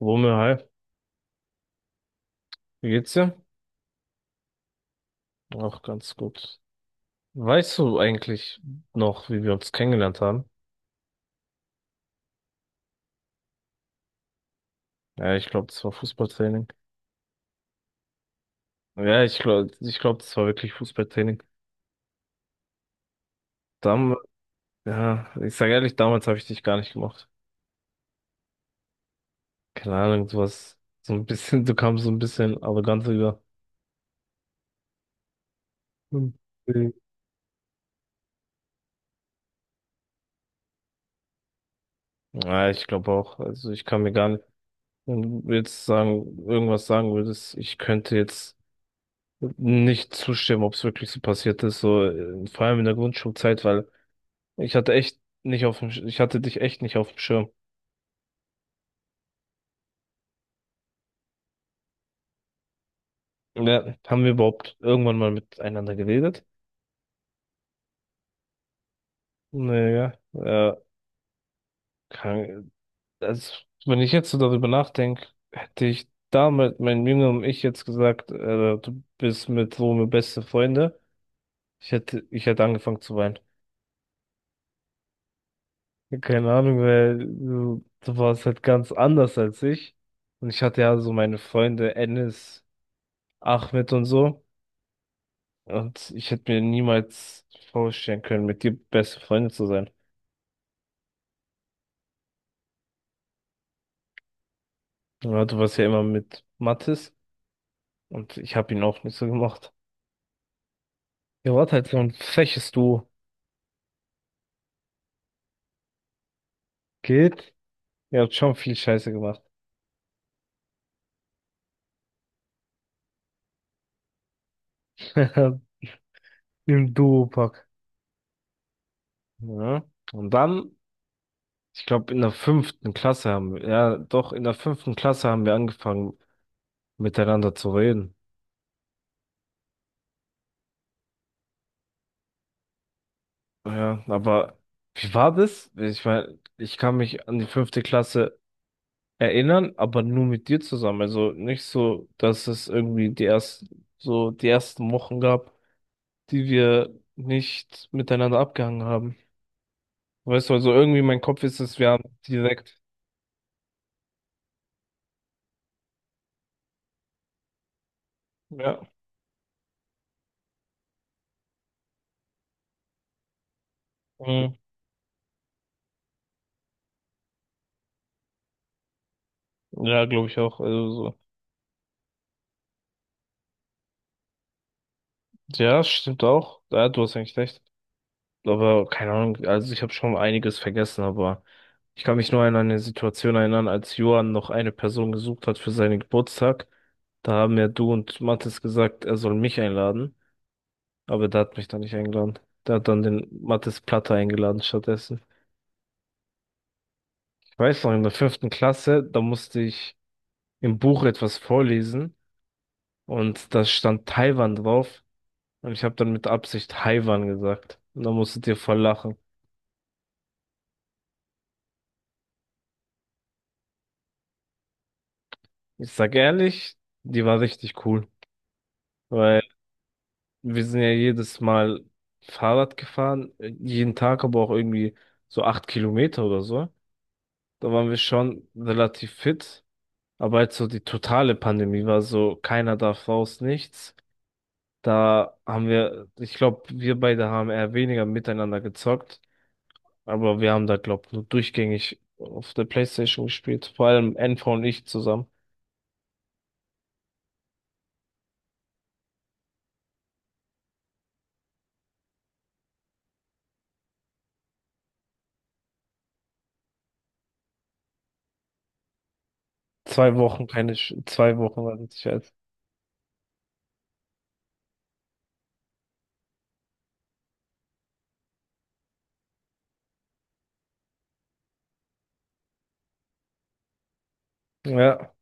Wumme, hi, wie geht's dir? Auch ganz gut. Weißt du eigentlich noch, wie wir uns kennengelernt haben? Ja, ich glaube, das war Fußballtraining. Ja, ich glaube, das war wirklich Fußballtraining. Dam ja, ich sage ehrlich, damals habe ich dich gar nicht gemacht. Keine Ahnung, du kamst so ein bisschen arrogant rüber. Hm. Ja, ich glaube auch. Also ich kann mir gar nicht, wenn du irgendwas sagen würdest, ich könnte jetzt nicht zustimmen, ob es wirklich so passiert ist, so vor allem in der Grundschulzeit, weil ich hatte dich echt nicht auf dem Schirm. Ja, haben wir überhaupt irgendwann mal miteinander geredet? Naja, ja, kann, also, wenn ich jetzt so darüber nachdenke, hätte ich damals meinem jüngeren Ich jetzt gesagt, du bist mit so Rome beste Freunde, ich hätte angefangen zu weinen. Ja, keine Ahnung, weil du warst halt ganz anders als ich. Und ich hatte ja so meine Freunde Enes, Ahmed und so. Und ich hätte mir niemals vorstellen können, mit dir beste Freunde zu sein. Ja, du warst ja immer mit Mathis und ich habe ihn auch nicht so gemacht. Ihr wart halt so ein freches Duo. Geht? Ihr habt schon viel Scheiße gemacht. Im Duopack. Ja. Und dann, ich glaube, in der fünften Klasse haben wir, ja, doch, in der fünften Klasse haben wir angefangen, miteinander zu reden. Ja, aber wie war das? Ich meine, ich kann mich an die fünfte Klasse erinnern, aber nur mit dir zusammen. Also nicht so, dass es irgendwie so die ersten Wochen gab, die wir nicht miteinander abgehangen haben. Weißt du, also irgendwie mein Kopf ist es, wir haben direkt. Ja. Mhm. Ja, glaube ich auch. Also so. Ja, stimmt auch. Ja, du hast eigentlich recht. Aber keine Ahnung, also ich habe schon einiges vergessen, aber ich kann mich nur an eine Situation erinnern, als Johann noch eine Person gesucht hat für seinen Geburtstag. Da haben ja du und Mathis gesagt, er soll mich einladen. Aber der hat mich da nicht eingeladen. Der hat dann den Mathis Platter eingeladen stattdessen. Ich weiß noch, in der fünften Klasse, da musste ich im Buch etwas vorlesen und da stand Taiwan drauf und ich habe dann mit Absicht Taiwan gesagt. Und da musstet ihr voll lachen. Ich sag ehrlich, die war richtig cool, weil wir sind ja jedes Mal Fahrrad gefahren, jeden Tag aber auch irgendwie so 8 Kilometer oder so. Da waren wir schon relativ fit. Aber jetzt so die totale Pandemie war so, keiner darf raus, nichts. Da haben wir, ich glaube, wir beide haben eher weniger miteinander gezockt, aber wir haben da, glaube ich, nur durchgängig auf der PlayStation gespielt. Vor allem NV und ich zusammen. Zwei Wochen, keine, Sch- zwei Wochen war das Scheiß. Ja,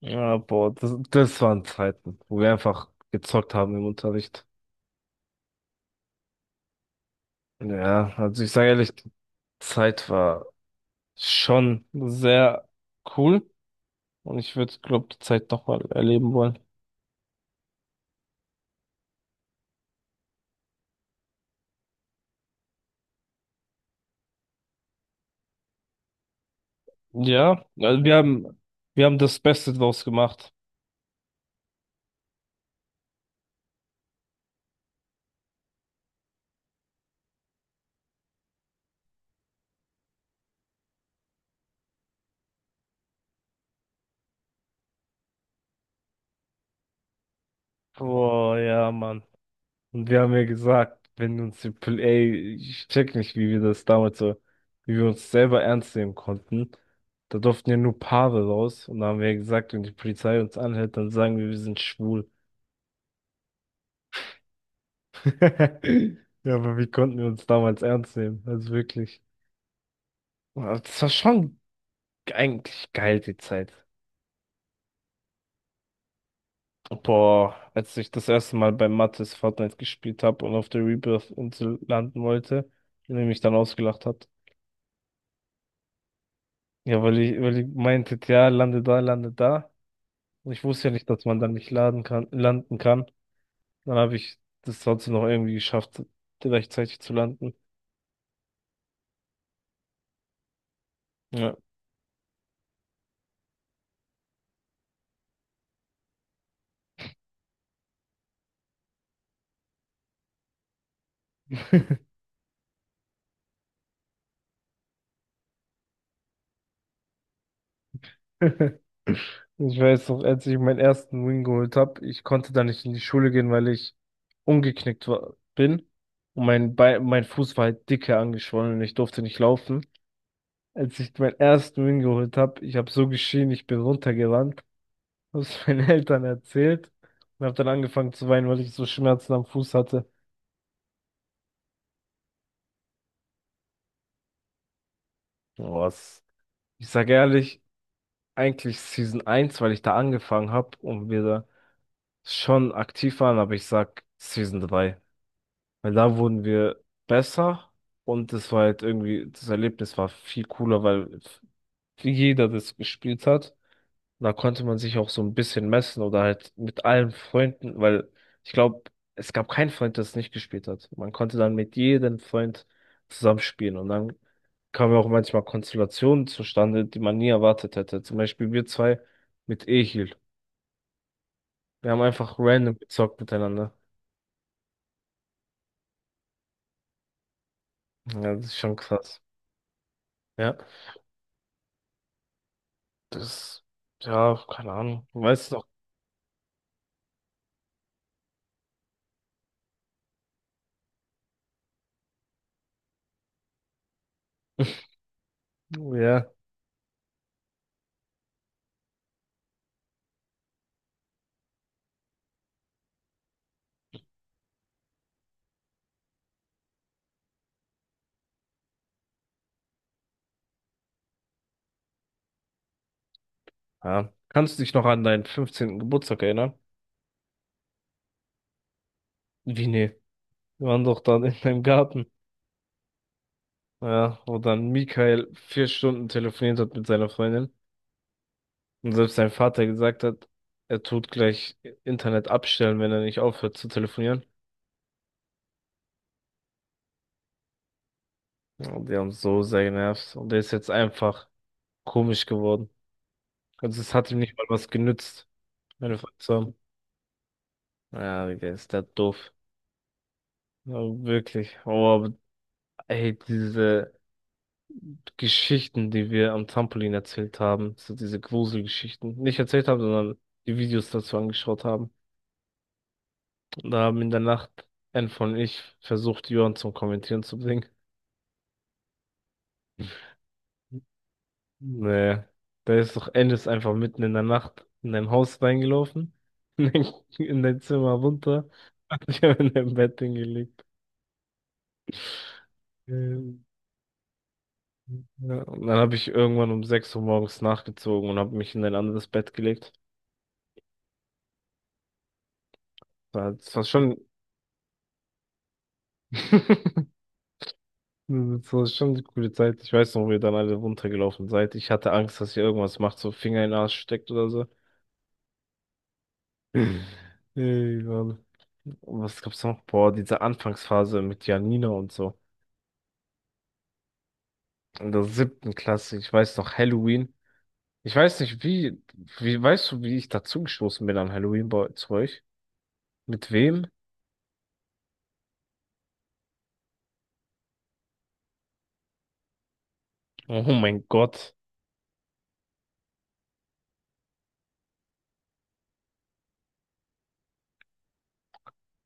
ja, boah, das waren Zeiten, wo wir einfach gezockt haben im Unterricht. Ja, also ich sage ehrlich, die Zeit war schon sehr cool. Und ich würde, glaube die Zeit doch mal erleben wollen. Ja, also wir haben das Beste draus gemacht. Oh ja, Mann. Und wir haben ja gesagt, wenn uns die, Pol- ey, ich check nicht, wie wir das damals so, wie wir uns selber ernst nehmen konnten. Da durften ja nur Paare raus. Und da haben wir ja gesagt, wenn die Polizei uns anhält, dann sagen wir, wir sind schwul. Ja, aber wie konnten wir uns damals ernst nehmen? Also wirklich. Aber das war schon eigentlich geil, die Zeit. Boah, als ich das erste Mal bei Mattes Fortnite gespielt habe und auf der Rebirth-Insel landen wollte, und er mich dann ausgelacht hat. Ja, weil ich meinte, ja, lande da, lande da. Und ich wusste ja nicht, dass man da nicht landen kann. Dann habe ich das trotzdem noch irgendwie geschafft, rechtzeitig zu landen. Ja. Ich weiß noch, als ich meinen ersten Win geholt habe, ich konnte da nicht in die Schule gehen, weil ich umgeknickt war, bin. Und mein Bein, mein Fuß war halt dicke angeschwollen und ich durfte nicht laufen. Als ich meinen ersten Win geholt habe, ich habe so geschrien, ich bin runtergerannt, habe es meinen Eltern erzählt und habe dann angefangen zu weinen, weil ich so Schmerzen am Fuß hatte. Was? Ich sage ehrlich, eigentlich Season 1, weil ich da angefangen habe und wir da schon aktiv waren, aber ich sag Season 3, weil da wurden wir besser und das war halt irgendwie, das Erlebnis war viel cooler, weil jeder das gespielt hat. Da konnte man sich auch so ein bisschen messen oder halt mit allen Freunden, weil ich glaube, es gab keinen Freund, der es nicht gespielt hat. Man konnte dann mit jedem Freund zusammenspielen und dann kamen ja auch manchmal Konstellationen zustande, die man nie erwartet hätte. Zum Beispiel wir zwei mit Ehil. Wir haben einfach random gezockt miteinander. Ja, das ist schon krass. Ja, das, ja, keine Ahnung. Weißt du noch? Ja, ja. Kannst du dich noch an deinen 15. Geburtstag erinnern? Wie, nee? Wir waren doch da in deinem Garten. Ja, wo dann Mikael 4 Stunden telefoniert hat mit seiner Freundin und selbst sein Vater gesagt hat, er tut gleich Internet abstellen, wenn er nicht aufhört zu telefonieren. Und die haben so sehr genervt und der ist jetzt einfach komisch geworden. Also es hat ihm nicht mal was genützt, meine Freunde zu haben. Ja, Digga, ist der doof. Ja, wirklich. Oh, aber ey, diese Geschichten, die wir am Trampolin erzählt haben, so diese Gruselgeschichten, nicht erzählt haben, sondern die Videos dazu angeschaut haben. Da haben in der Nacht Enf und ich versucht, Jörn zum Kommentieren zu bringen. Nee, da ist doch Ennis einfach mitten in der Nacht in dein Haus reingelaufen, in dein, in dein Zimmer runter, hat dich in dein Bett hingelegt. Ähm, Ja, und dann habe ich irgendwann um 6 Uhr morgens nachgezogen und habe mich in ein anderes Bett gelegt. Das war schon, Das war schon eine coole Zeit. Ich weiß noch, wie ihr dann alle runtergelaufen seid. Ich hatte Angst, dass ihr irgendwas macht, so Finger in den Arsch steckt oder so. Egal. Was gab's noch? Boah, diese Anfangsphase mit Janina und so. In der siebten Klasse, ich weiß noch, Halloween. Ich weiß nicht, weißt du, wie ich dazugestoßen bin an Halloween bei zu euch? Mit wem? Oh mein Gott.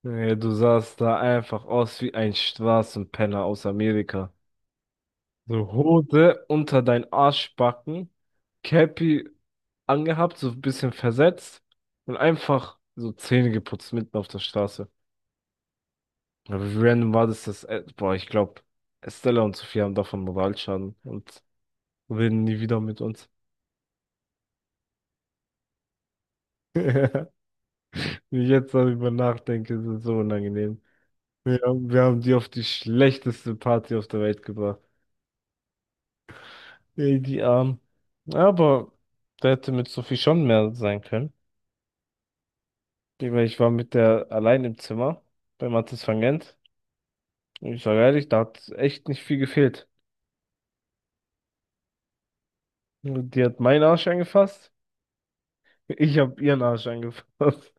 Ey, du sahst da einfach aus wie ein Straßenpenner aus Amerika. So Hose unter dein Arschbacken, Cappy angehabt, so ein bisschen versetzt und einfach so Zähne geputzt mitten auf der Straße. Aber wie random war das, dass, boah, ich glaube, Estella und Sophie haben davon Moralschaden und reden nie wieder mit uns. Wenn ich jetzt darüber nachdenke, ist es so unangenehm. Wir haben die auf die schlechteste Party auf der Welt gebracht. Ey, die Armen. Aber da hätte mit Sophie schon mehr sein können. Ich meine, ich war mit der allein im Zimmer bei Mathis van Gent. Und ich sage ehrlich, da hat echt nicht viel gefehlt. Die hat meinen Arsch angefasst. Ich habe ihren Arsch angefasst.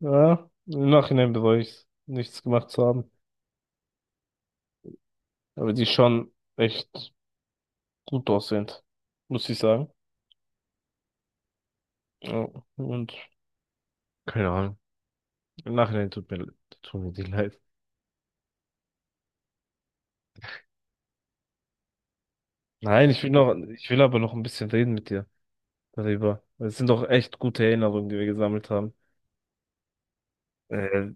Ja, im Nachhinein bereue ich nichts gemacht zu haben. Aber die schon echt gut aussehend, muss ich sagen. Ja, und keine Ahnung. Im Nachhinein tut mir die leid. Nein, ich will aber noch ein bisschen reden mit dir darüber. Es sind doch echt gute Erinnerungen, die wir gesammelt haben. Äh,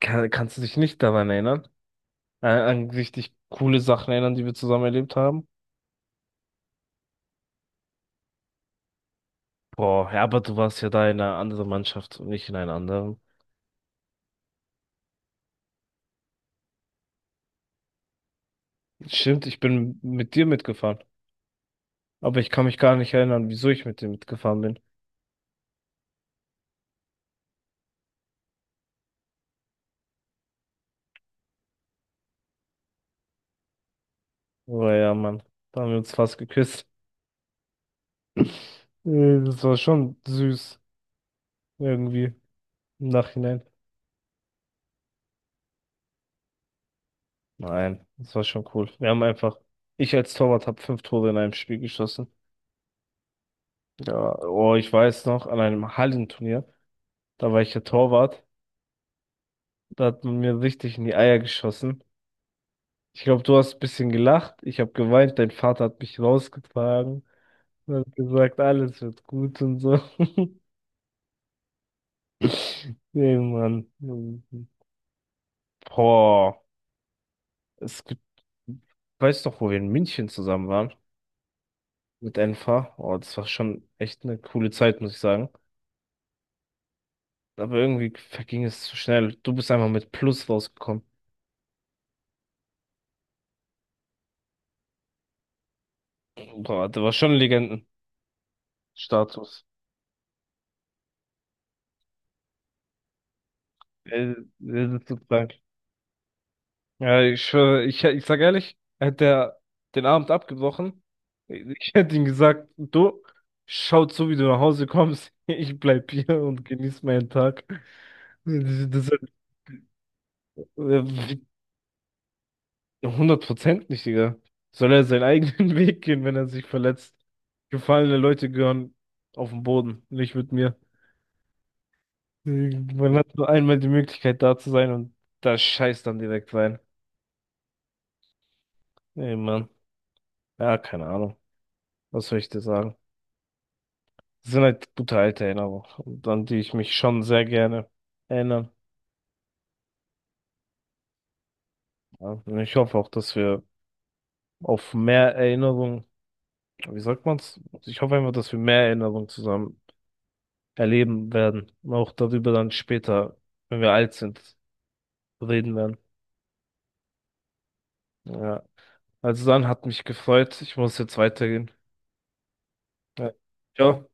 Kannst du dich nicht daran erinnern? An richtig coole Sachen erinnern, die wir zusammen erlebt haben? Boah, ja, aber du warst ja da in einer anderen Mannschaft und nicht in einer anderen. Stimmt, ich bin mit dir mitgefahren. Aber ich kann mich gar nicht erinnern, wieso ich mit dem mitgefahren bin. Aber ja, Mann, da haben wir uns fast geküsst. Das war schon süß, irgendwie, im Nachhinein. Nein, das war schon cool. Wir haben einfach, ich als Torwart habe fünf Tore in einem Spiel geschossen. Ja, oh, ich weiß noch, an einem Hallenturnier, da war ich ja Torwart, da hat man mir richtig in die Eier geschossen. Ich glaube, du hast ein bisschen gelacht, ich habe geweint, dein Vater hat mich rausgetragen und hat gesagt, alles wird gut und so. Nee, Mann. Boah. Es gibt, Weiß doch, wo wir in München zusammen waren. Mit Enfa. Oh, das war schon echt eine coole Zeit, muss ich sagen. Aber irgendwie verging es zu schnell. Du bist einfach mit Plus rausgekommen. Boah, da war schon Legendenstatus. Äh, Das ist so krank. Ja, ich schwöre, ich sag ehrlich, hätte er den Abend abgebrochen. Ich hätte ihm gesagt, du, schaut so, wie du nach Hause kommst. Ich bleib hier und genieß meinen Tag. Das ist äh, 100% nicht, Digga. Soll er seinen eigenen Weg gehen, wenn er sich verletzt? Gefallene Leute gehören auf den Boden, nicht mit mir. Man hat nur einmal die Möglichkeit, da zu sein und da scheißt dann direkt rein. Ey, Mann. Ja, keine Ahnung. Was soll ich dir sagen? Das sind halt gute alte Erinnerungen, und an die ich mich schon sehr gerne erinnere. Ja, und ich hoffe auch, dass wir auf mehr Erinnerungen, wie sagt man's? Ich hoffe einfach, dass wir mehr Erinnerungen zusammen erleben werden. Auch darüber dann später, wenn wir alt sind, reden werden. Ja. Also dann hat mich gefreut. Ich muss jetzt weitergehen. Ja. Ciao.